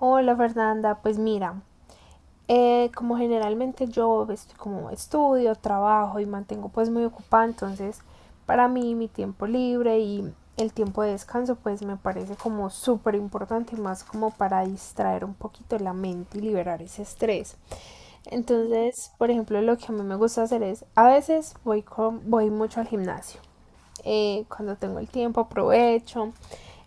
Hola Fernanda, pues mira, como generalmente yo estoy como estudio, trabajo y mantengo pues muy ocupada. Entonces, para mí, mi tiempo libre y el tiempo de descanso pues me parece como súper importante y más como para distraer un poquito la mente y liberar ese estrés. Entonces, por ejemplo, lo que a mí me gusta hacer es, a veces voy mucho al gimnasio. Cuando tengo el tiempo aprovecho.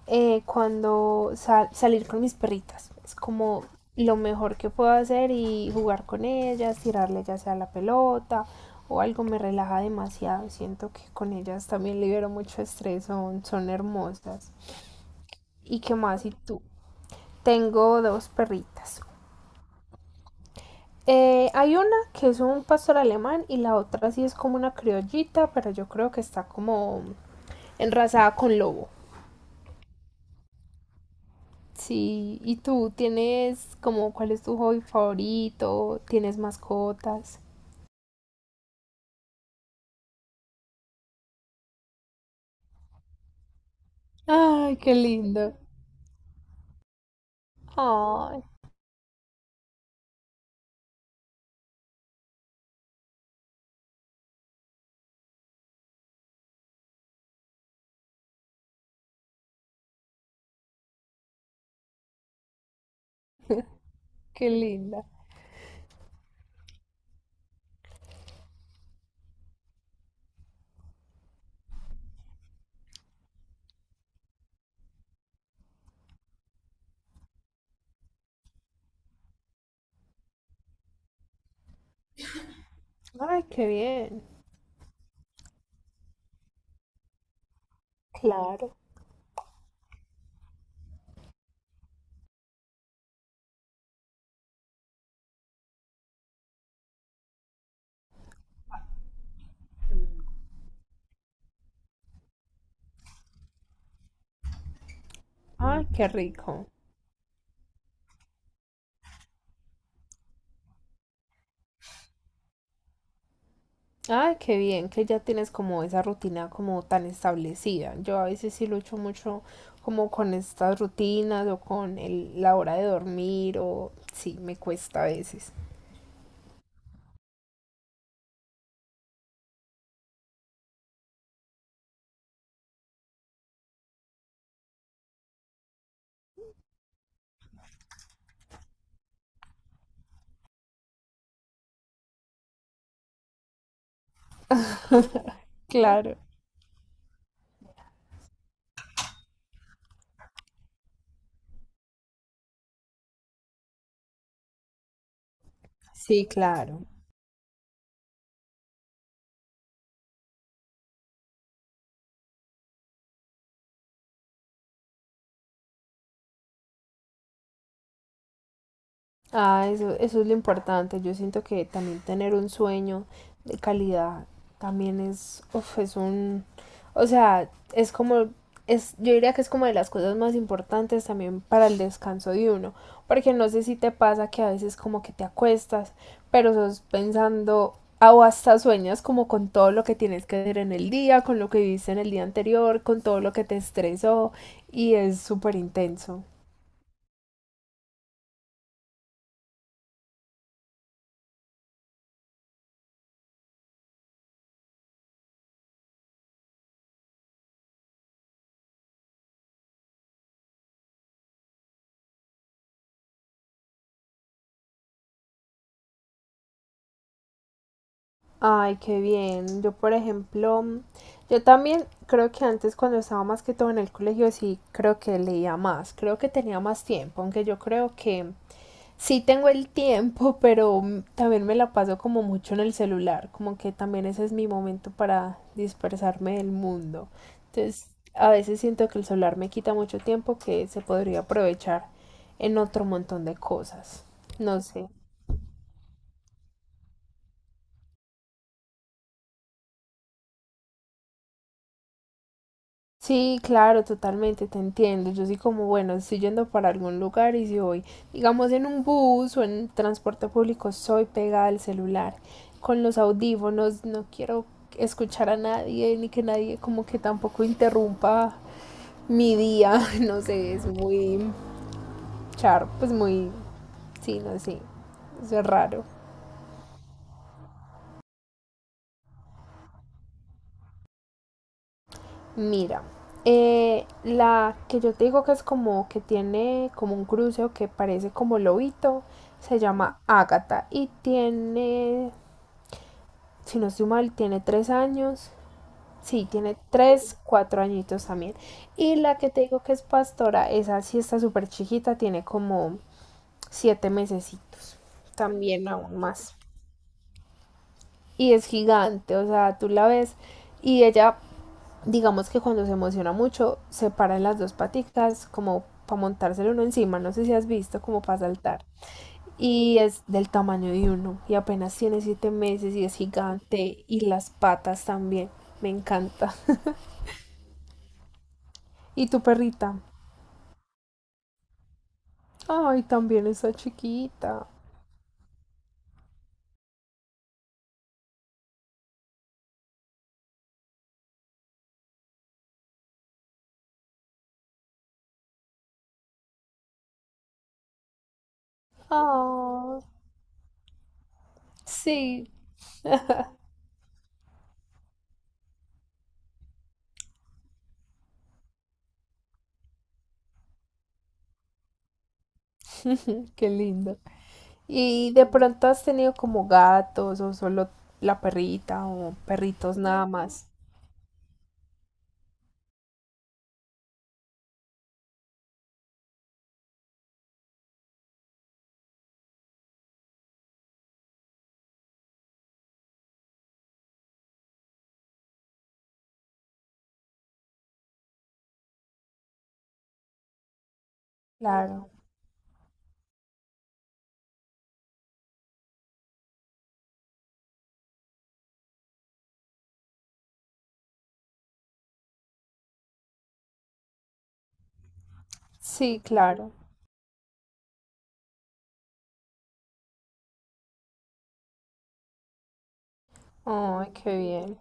Cuando salir con mis perritas. Es como lo mejor que puedo hacer y jugar con ellas, tirarle ya sea la pelota o algo me relaja demasiado. Siento que con ellas también libero mucho estrés, son hermosas. ¿Y qué más? ¿Y tú? Tengo dos perritas. Hay una que es un pastor alemán y la otra sí es como una criollita, pero yo creo que está como enrasada con lobo. Sí, ¿y tú tienes como cuál es tu hobby favorito? ¿Tienes mascotas? Ay, qué lindo. Ay, qué linda. Ay, qué bien. Claro. Ay, qué rico. Ay, qué bien que ya tienes como esa rutina como tan establecida. Yo a veces sí lucho mucho como con estas rutinas o con la hora de dormir o sí, me cuesta a veces. Claro. Sí, claro. Ah, eso es lo importante. Yo siento que también tener un sueño de calidad también es, uf, es un, o sea, es como, yo diría que es como de las cosas más importantes también para el descanso de uno, porque no sé si te pasa que a veces como que te acuestas, pero sos pensando ah, o hasta sueñas como con todo lo que tienes que hacer en el día, con lo que viviste en el día anterior, con todo lo que te estresó y es súper intenso. Ay, qué bien. Yo, por ejemplo, yo también creo que antes cuando estaba más que todo en el colegio, sí creo que leía más, creo que tenía más tiempo, aunque yo creo que sí tengo el tiempo, pero también me la paso como mucho en el celular, como que también ese es mi momento para dispersarme del mundo. Entonces, a veces siento que el celular me quita mucho tiempo que se podría aprovechar en otro montón de cosas. No sé. Sí, claro, totalmente, te entiendo. Yo sí como, bueno, estoy yendo para algún lugar y si voy, digamos, en un bus o en transporte público, soy pegada al celular, con los audífonos, no quiero escuchar a nadie, ni que nadie como que tampoco interrumpa mi día, no sé, es muy char, pues muy, sí, no sé, eso es raro. Mira, la que yo te digo que es como que tiene como un cruceo que parece como lobito, se llama Ágata y tiene, si no estoy mal, tiene 3 años. Sí, tiene 3, 4 añitos también. Y la que te digo que es pastora, esa sí está súper chiquita, tiene como 7 mesecitos, también aún más. Y es gigante, o sea, tú la ves y ella digamos que cuando se emociona mucho, se para en las dos paticas como para montárselo uno encima, no sé si has visto como para saltar. Y es del tamaño de uno y apenas tiene 7 meses y es gigante y las patas también, me encanta. ¿Y tu perrita? Ay, también está chiquita. Ah, sí, qué lindo. ¿Y de pronto has tenido como gatos o solo la perrita o perritos nada más? Claro, sí, claro. Ay, qué bien.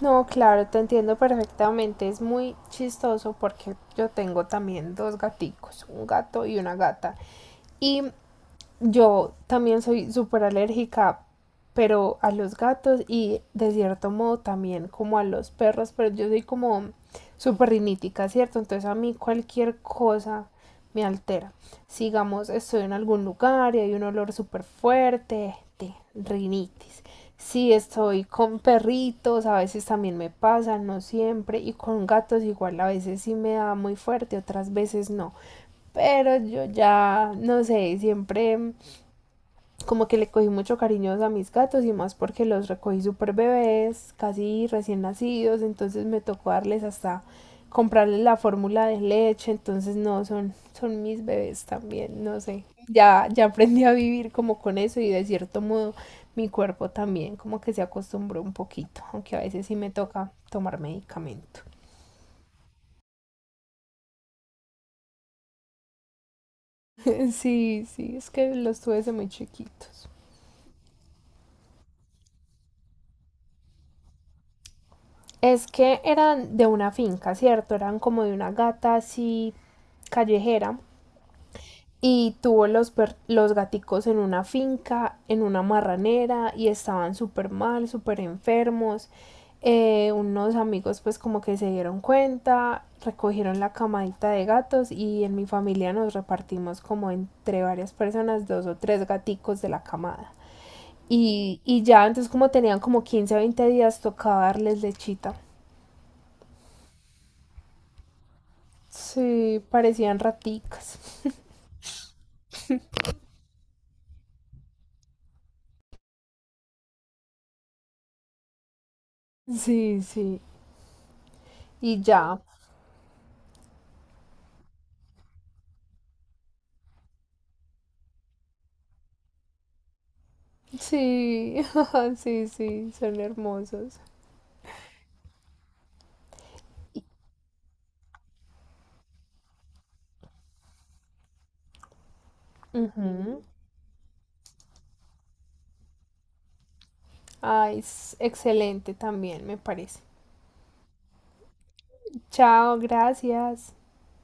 No, claro, te entiendo perfectamente. Es muy chistoso porque yo tengo también dos gaticos, un gato y una gata. Y yo también soy súper alérgica, pero a los gatos y de cierto modo también como a los perros, pero yo soy como súper rinítica, ¿cierto? Entonces a mí cualquier cosa me altera. Sigamos, estoy en algún lugar y hay un olor súper fuerte de rinitis. Si estoy con perritos, a veces también me pasa, no siempre, y con gatos igual, a veces sí me da muy fuerte, otras veces no. Pero yo ya, no sé, siempre como que le cogí mucho cariño a mis gatos y más porque los recogí súper bebés, casi recién nacidos, entonces me tocó darles hasta comprarles la fórmula de leche, entonces no, son mis bebés también, no sé. Ya, ya aprendí a vivir como con eso y de cierto modo mi cuerpo también como que se acostumbró un poquito, aunque a veces sí me toca tomar medicamento. Sí, sí, es que los tuve desde muy chiquitos. Es que eran de una finca, ¿cierto? Eran como de una gata así callejera y tuvo los gaticos en una finca, en una marranera y estaban súper mal, súper enfermos. Unos amigos pues como que se dieron cuenta, recogieron la camadita de gatos y en mi familia nos repartimos como entre varias personas dos o tres gaticos de la camada. Y ya entonces como tenían como 15 o 20 días tocaba darles lechita. Sí, parecían raticas. Sí, sí. Y ya. Sí, sí, sí, son hermosos. Ujú. Ay, es excelente también, me parece. Chao, gracias.